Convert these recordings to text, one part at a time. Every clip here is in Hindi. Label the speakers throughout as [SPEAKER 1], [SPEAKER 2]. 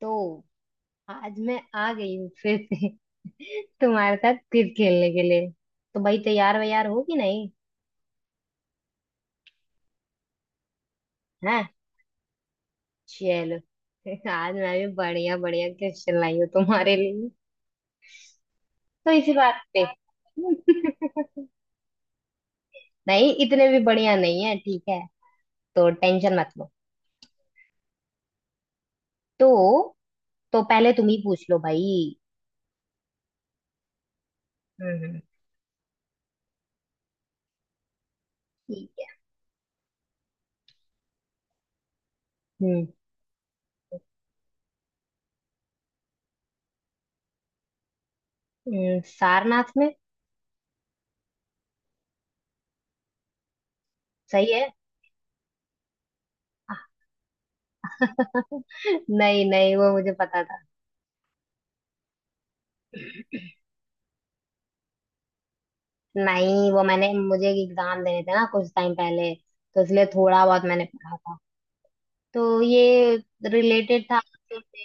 [SPEAKER 1] तो आज मैं आ गई हूँ फिर से तुम्हारे साथ फिर खेलने के लिए। तो भाई तैयार वैयार हो कि नहीं? है। चलो। आज मैं भी बढ़िया बढ़िया क्वेश्चन लाई हूँ तुम्हारे लिए। तो इसी बात पे। नहीं, इतने भी बढ़िया नहीं है, ठीक है। तो टेंशन मत लो। तो तो पहले तुम ही पूछ लो भाई। हम्म, हम्म। ठीक है। हम्म। सारनाथ में। सही है। नहीं, नहीं, वो मुझे पता था। नहीं, वो मैंने मुझे एग्जाम देने थे ना कुछ टाइम पहले। तो इसलिए थोड़ा बहुत मैंने पढ़ा था। तो ये रिलेटेड था आपसे।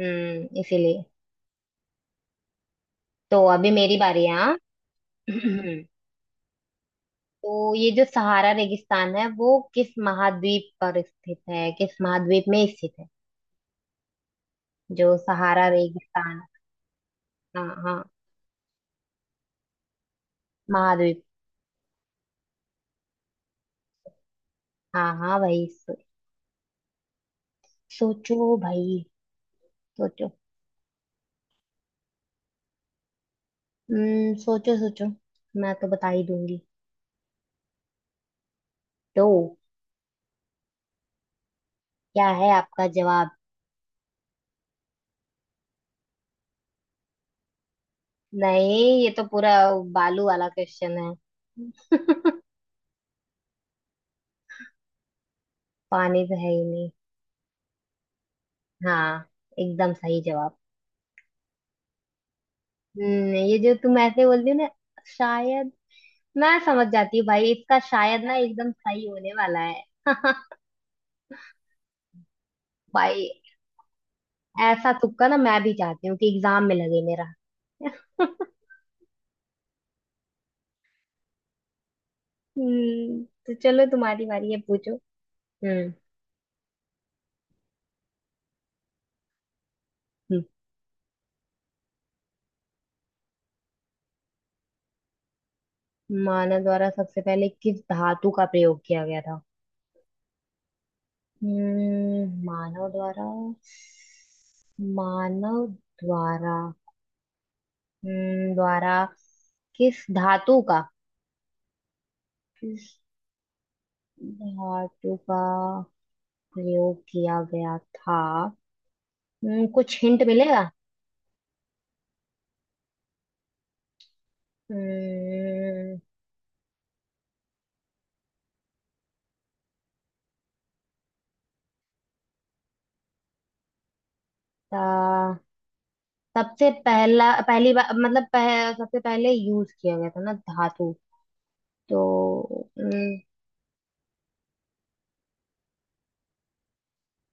[SPEAKER 1] हम्म, इसीलिए। तो अभी मेरी बारी है। हाँ। तो ये जो सहारा रेगिस्तान है वो किस महाद्वीप में स्थित है? जो सहारा रेगिस्तान। हाँ, हाँ। महाद्वीप। हाँ, हाँ भाई, सोचो भाई। सोचो। हम्म, सोचो सोचो। मैं तो बता ही दूंगी। तो क्या है आपका जवाब? नहीं, ये तो पूरा बालू वाला क्वेश्चन है। पानी तो है ही नहीं। हाँ, एकदम सही जवाब। हम्म, ये जो तुम ऐसे बोलती हो ना शायद, मैं समझ जाती हूँ भाई इसका शायद ना एकदम सही होने वाला है। भाई, ऐसा तुक्का ना मैं भी चाहती हूँ कि एग्जाम में लगे मेरा। हम्म, तो चलो, तुम्हारी बारी है, पूछो। हम्म। हम्म। मानव द्वारा सबसे पहले किस धातु का प्रयोग किया गया था? हम्म, मानव द्वारा। मानव द्वारा। हम्म, द्वारा। किस धातु का? किस धातु का प्रयोग किया गया था? कुछ हिंट मिलेगा? हम्म। ता- सबसे पहला पहली बार, मतलब सबसे पहले यूज किया गया था ना धातु। तो, हम्म।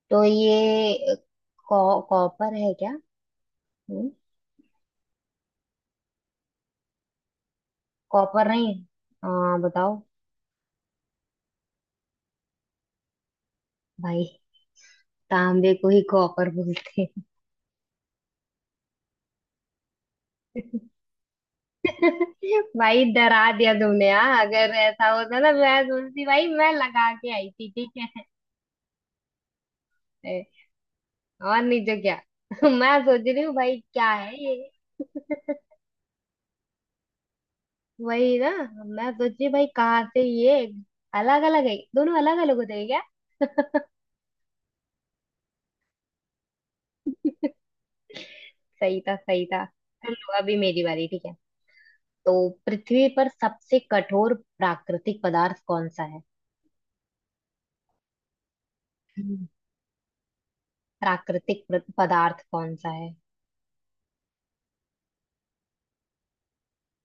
[SPEAKER 1] तो ये कॉपर है क्या? हम्म। कॉपर नहीं। हाँ, बताओ। भाई, तांबे को ही कॉपर बोलते हैं। भाई, डरा दिया तुमने यार। अगर ऐसा होता ना, मैं सोचती भाई, मैं लगा के आई थी ठीक है। और नहीं तो क्या। मैं सोच रही हूँ भाई, क्या है ये। वही ना। मैं सोच रही हूँ भाई, कहाँ से ये। अलग अलग है? दोनों अलग अलग होते हैं क्या? सही था, सही था। चलो, अभी मेरी बारी, ठीक है। तो पृथ्वी पर सबसे कठोर प्राकृतिक पदार्थ कौन सा है? हम्म। प्राकृतिक पदार्थ कौन सा है?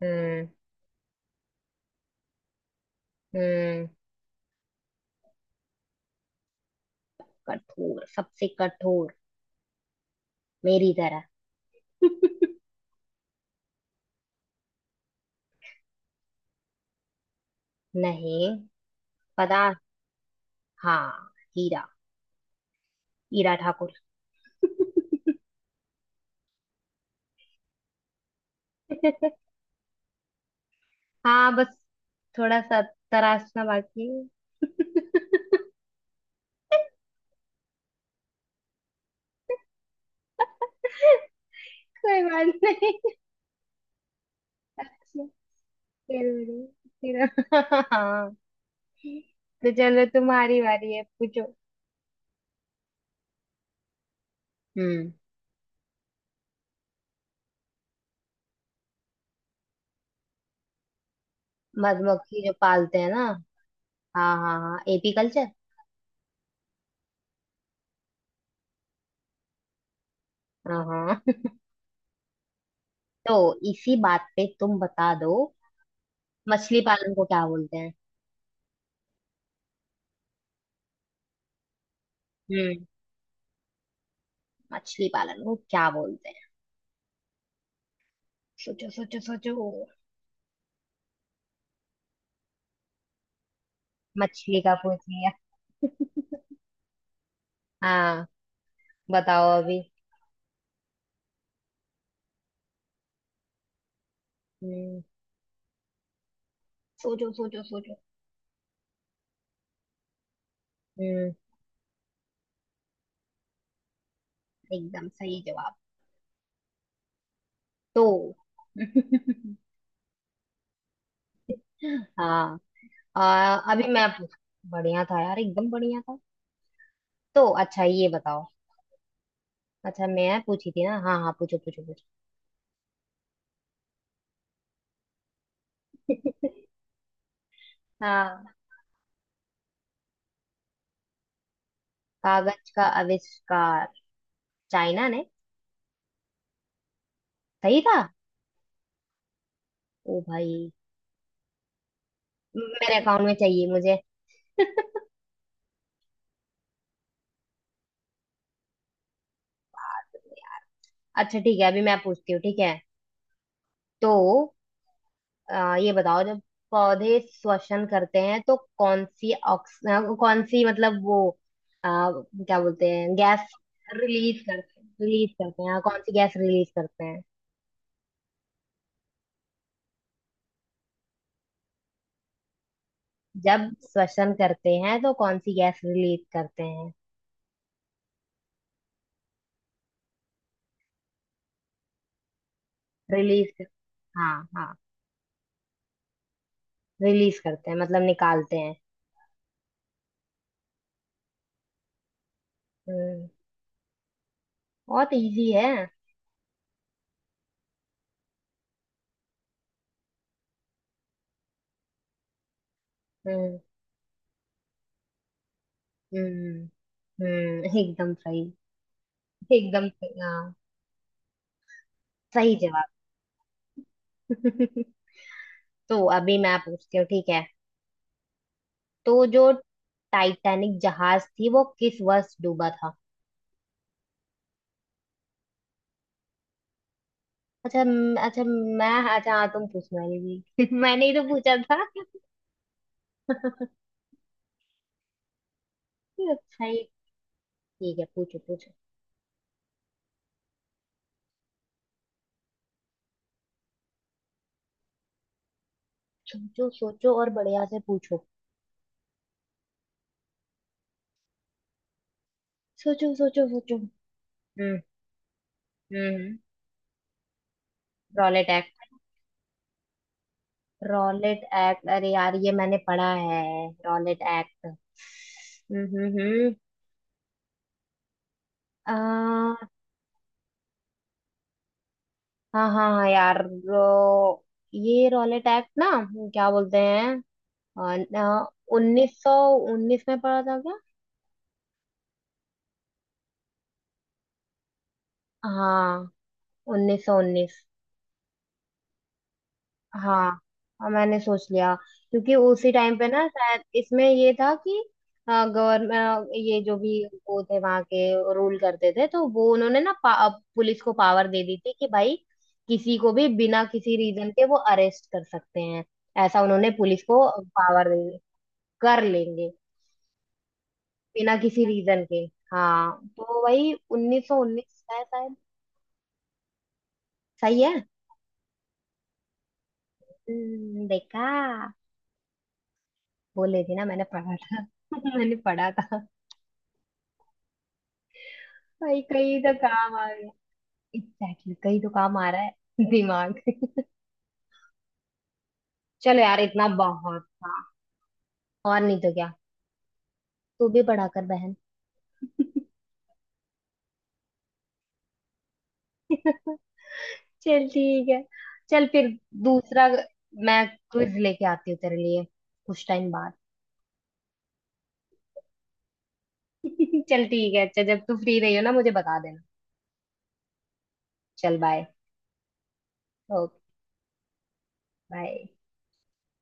[SPEAKER 1] हम्म, हम्म। कठोर, सबसे कठोर। मेरी तरह। नहीं। पता। हाँ। हीरा। हीरा ठाकुर। हाँ, बस थोड़ा सा तराशना बाकी है। कोई बात नहीं। अच्छा। जरूर। फिर- हाँ। तो चलो, तुम्हारी बारी है, पूछो। हम्म। मधुमक्खी जो पालते हैं ना। हाँ, हाँ, हाँ, एपी कल्चर। हाँ, हाँ। तो इसी बात पे तुम बता दो, मछली पालन को क्या बोलते हैं? हम्म, मछली पालन को क्या बोलते हैं? सोचो, सोचो, सोचो। मछली का पूछ लिया। हाँ, बताओ अभी। हम्म, सोचो, सोचो, सोचो। हम्म, एकदम सही जवाब। तो हाँ। अभी मैं पूछ। बढ़िया था यार, एकदम बढ़िया था। तो अच्छा, ये बताओ। अच्छा, मैं पूछी थी ना, हाँ, हाँ, पूछो, पूछो, पूछो। हाँ, कागज का आविष्कार चाइना ने। सही था। ओ भाई, मेरे अकाउंट में चाहिए मुझे। अच्छा ठीक है, अभी मैं पूछती हूँ, ठीक है। तो ये बताओ, जब पौधे श्वसन करते हैं तो कौन सी, मतलब वो क्या बोलते हैं, गैस रिलीज करते हैं हाँ, कौन सी गैस रिलीज करते हैं? जब श्वसन करते हैं तो कौन सी गैस रिलीज करते हैं? रिलीज कर, हाँ, हाँ, रिलीज करते हैं मतलब निकालते हैं। हम्म, बहुत इजी है। हम्म, हम्म। हम्म, एकदम सही। एकदम सही, हाँ। सही जवाब। तो अभी मैं पूछती हूँ, ठीक है। तो जो टाइटैनिक जहाज थी वो किस वर्ष डूबा था? अच्छा, अच्छा, मैं, अच्छा हाँ, तुम पूछने वाली थी। मैंने ही तो पूछा था। अच्छा ही, ठीक है, पूछो, पूछो। सोचो, सोचो और बढ़िया से पूछो। सोचो, सोचो, सोचो। हम्म, हम्म। Rowlatt act. रॉलेट एक्ट, अरे यार, ये मैंने पढ़ा है। रॉलेट एक्ट, हम्म, हम्म। हम्म। हाँ, हाँ, हाँ, यार ये रॉल अटैक ना, क्या बोलते हैं? 1919 में पड़ा था क्या? हाँ, 1919। हाँ, हाँ, मैंने सोच लिया। क्योंकि उसी टाइम पे ना, शायद इसमें ये था कि गवर्नमेंट, ये जो भी वो थे वहां के, रूल करते थे, तो वो उन्होंने ना पुलिस को पावर दे दी थी कि भाई किसी को भी बिना किसी रीजन के वो अरेस्ट कर सकते हैं। ऐसा उन्होंने पुलिस को पावर दे दी, कर लेंगे, बिना किसी रीजन के। हाँ, तो वही 1919 है शायद। सही है। देखा, बोले थे ना मैंने पढ़ा था। मैंने पढ़ा था। भाई, कहीं तो काम आ गया। एग्जैक्टली exactly, कहीं तो काम आ रहा है। दिमाग। चलो यार, इतना बहुत था। और नहीं तो क्या। तू भी पढ़ा कर बहन। चल ठीक है। चल फिर, दूसरा, मैं क्विज लेके आती हूँ तेरे लिए कुछ टाइम बाद। चल ठीक है, अच्छा जब तू फ्री रही हो ना मुझे बता देना। चल बाय। ओके। बाय।